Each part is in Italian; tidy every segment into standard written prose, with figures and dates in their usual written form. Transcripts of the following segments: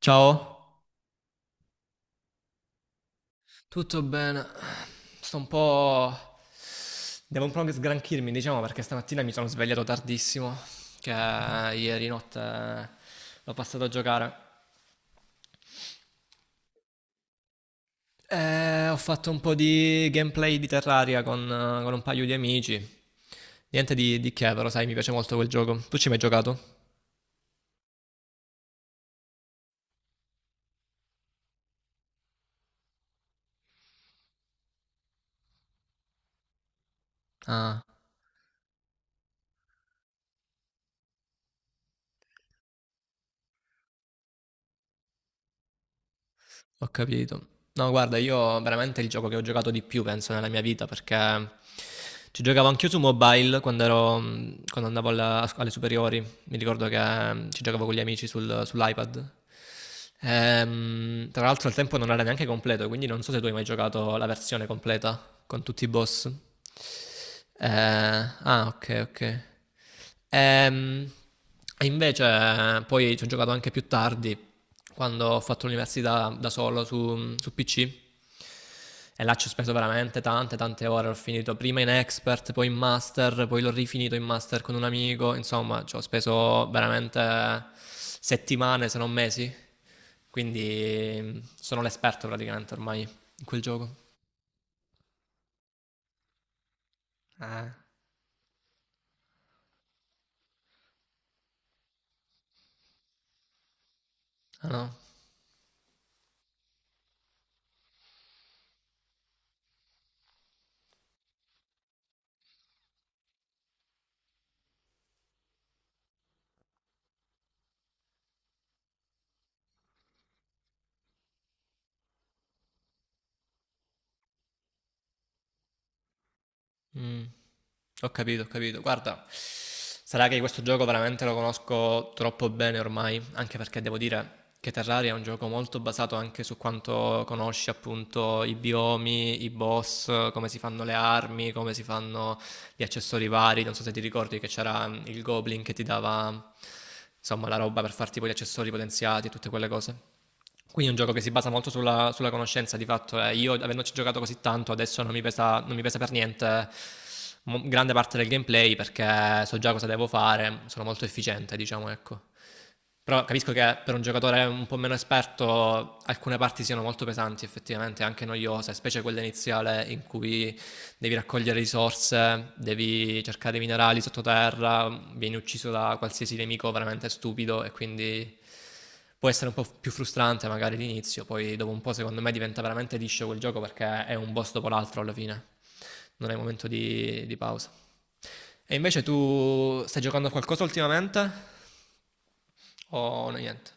Ciao, tutto bene? Sto un po'. Devo un po' sgranchirmi, diciamo, perché stamattina mi sono svegliato tardissimo, che ieri notte l'ho passato a giocare. E ho fatto un po' di gameplay di Terraria con un paio di amici. Niente di che, però sai, mi piace molto quel gioco. Tu ci hai mai giocato? Ah. Ho capito. No, guarda, io veramente il gioco che ho giocato di più, penso, nella mia vita, perché ci giocavo anch'io su mobile quando ero, quando andavo alle superiori. Mi ricordo che ci giocavo con gli amici sull'iPad. Tra l'altro al tempo non era neanche completo, quindi non so se tu hai mai giocato la versione completa con tutti i boss. Ah, ok, ok. Ehm, e invece poi ci ho giocato anche più tardi, quando ho fatto l'università da solo su PC. E là ci ho speso veramente tante, tante ore. Ho finito prima in expert, poi in master, poi l'ho rifinito in master con un amico. Insomma, ci ho speso veramente settimane, se non mesi. Quindi sono l'esperto praticamente ormai in quel gioco. Ah no. Mm. Ho capito, ho capito. Guarda, sarà che questo gioco veramente lo conosco troppo bene ormai, anche perché devo dire che Terraria è un gioco molto basato anche su quanto conosci appunto i biomi, i boss, come si fanno le armi, come si fanno gli accessori vari. Non so se ti ricordi che c'era il Goblin che ti dava insomma la roba per farti poi gli accessori potenziati e tutte quelle cose. Quindi è un gioco che si basa molto sulla conoscenza, di fatto. Io, avendoci giocato così tanto, adesso non mi pesa, non mi pesa per niente grande parte del gameplay perché so già cosa devo fare, sono molto efficiente, diciamo, ecco. Però capisco che per un giocatore un po' meno esperto alcune parti siano molto pesanti, effettivamente, anche noiose, specie quella iniziale in cui devi raccogliere risorse, devi cercare minerali sottoterra, vieni ucciso da qualsiasi nemico veramente stupido e quindi può essere un po' più frustrante magari all'inizio, poi dopo un po' secondo me diventa veramente liscio quel gioco perché è un boss dopo l'altro alla fine, non è momento di pausa. E invece tu stai giocando a qualcosa ultimamente o no, niente?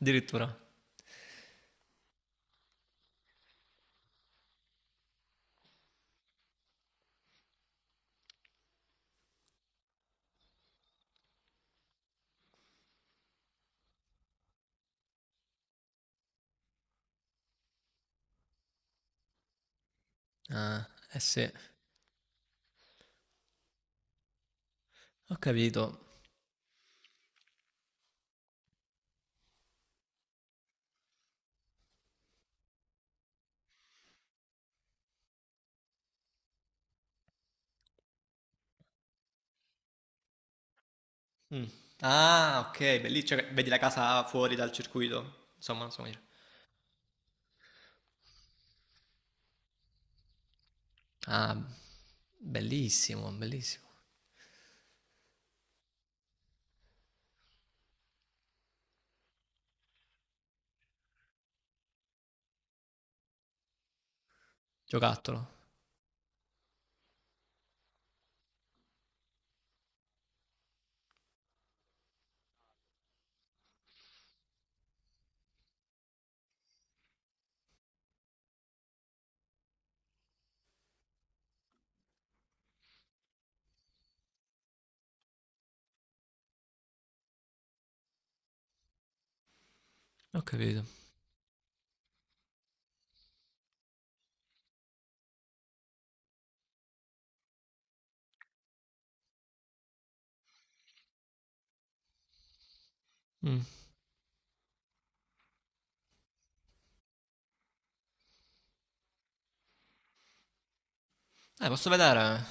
Addirittura. Ah, eh sì, ho capito. Mm. Ah, ok, bellissimo. Cioè, vedi la casa fuori dal circuito? Insomma, insomma, ah, bellissimo, bellissimo. Giocattolo. Ho capito. Mm. Posso vedere.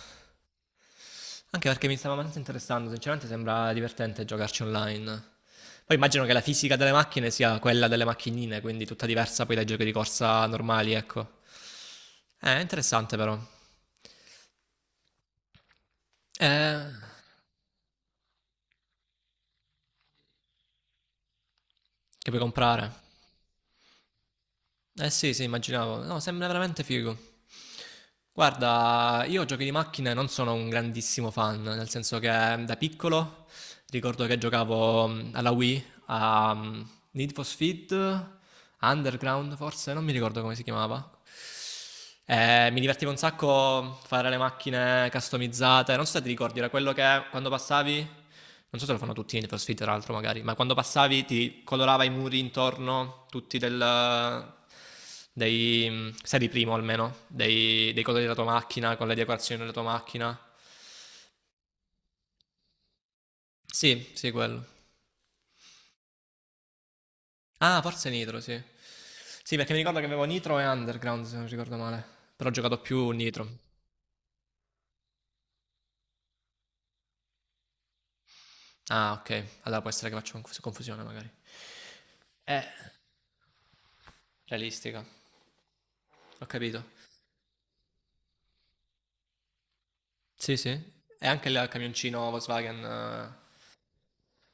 Anche perché mi stava abbastanza interessando, sinceramente sembra divertente giocarci online. Poi immagino che la fisica delle macchine sia quella delle macchinine, quindi tutta diversa poi dai giochi di corsa normali, ecco. Interessante però. Eh, che puoi comprare? Eh sì, sì, immaginavo. No, sembra veramente figo. Guarda, io giochi di macchine non sono un grandissimo fan, nel senso che da piccolo ricordo che giocavo alla Wii a Need for Speed, Underground forse, non mi ricordo come si chiamava. Mi divertivo un sacco fare le macchine customizzate. Non so se ti ricordi, era quello che quando passavi. Non so se lo fanno tutti in Need for Speed, tra l'altro, magari. Ma quando passavi ti colorava i muri intorno, tutti del. Dei, sei di primo almeno, dei, colori della tua macchina, con le decorazioni della tua macchina. Sì, sì, quello. Ah, forse Nitro, sì. Sì, perché mi ricordo che avevo Nitro e Underground, se non ricordo male. Però ho giocato più Nitro. Ah, ok. Allora può essere che faccio confusione, magari. Eh, realistica. Ho capito. Sì, sì. E anche il camioncino Volkswagen,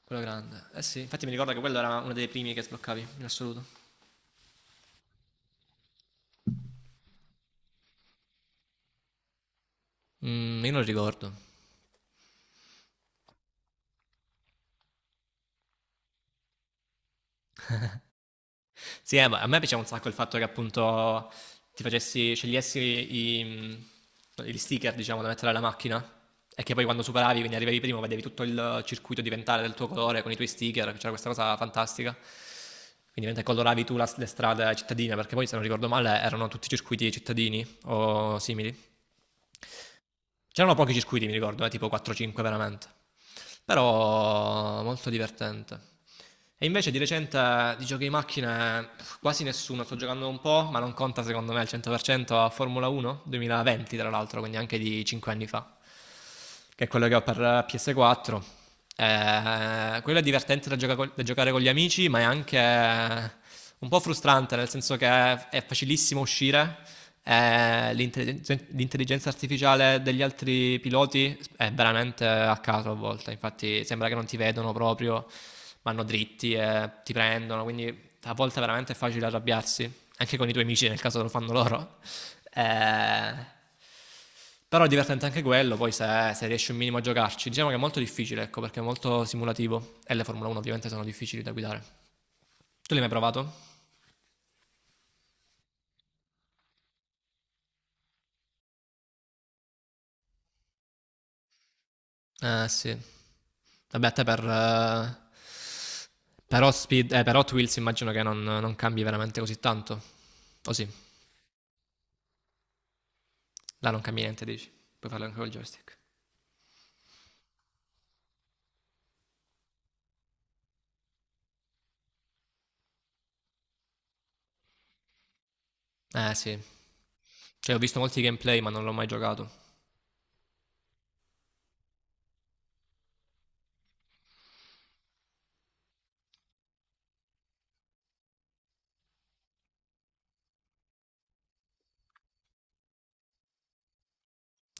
quello grande. Eh sì, infatti mi ricordo che quello era uno dei primi che sbloccavi, in assoluto. Io non ricordo. Sì, ma a me piaceva un sacco il fatto che appunto ti facessi, scegliessi gli sticker, diciamo, da mettere alla macchina. E che poi quando superavi, quindi arrivavi primo, vedevi tutto il circuito diventare del tuo colore con i tuoi sticker, c'era questa cosa fantastica. Quindi mentre coloravi tu le strade cittadine, perché poi se non ricordo male erano tutti circuiti cittadini o simili. C'erano pochi circuiti, mi ricordo, tipo 4-5 veramente. Però molto divertente. E invece di recente di giochi di macchine quasi nessuno, sto giocando un po', ma non conta secondo me al 100% a Formula 1 2020 tra l'altro, quindi anche di 5 anni fa che è quello che ho per PS4. Quello è divertente da giocare con gli amici, ma è anche un po' frustrante, nel senso che è facilissimo uscire. L'intelligenza artificiale degli altri piloti è veramente a caso a volte, infatti sembra che non ti vedono proprio, vanno dritti e ti prendono, quindi a volte veramente è facile arrabbiarsi anche con i tuoi amici nel caso lo fanno loro. Eh, però è divertente anche quello, poi se riesci un minimo a giocarci. Diciamo che è molto difficile, ecco, perché è molto simulativo. E le Formula 1 ovviamente sono difficili da guidare. Tu l'hai mai provato? Eh sì. Vabbè, a te per Hot Wheels immagino che non cambi veramente così tanto. O sì, là non cambi niente, dici. Puoi farlo anche col joystick. Eh sì. Cioè, ho visto molti gameplay, ma non l'ho mai giocato.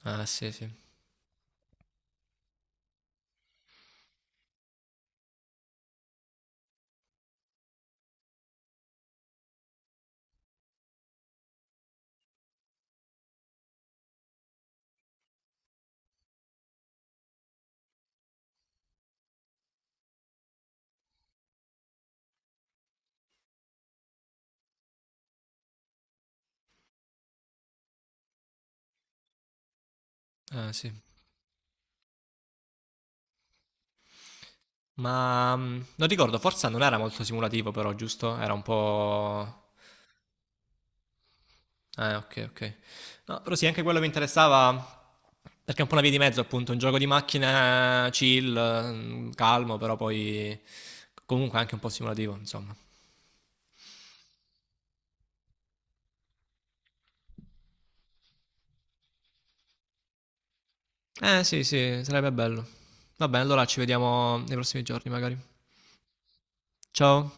Eh sì, sì. Eh sì. Ma non ricordo, Forza non era molto simulativo però, giusto? Era un po'. Ok, ok. No, però sì, anche quello mi interessava perché è un po' una via di mezzo, appunto, un gioco di macchine chill, calmo, però poi comunque anche un po' simulativo, insomma. Eh sì, sì, sarebbe bello. Va bene, allora ci vediamo nei prossimi giorni magari. Ciao.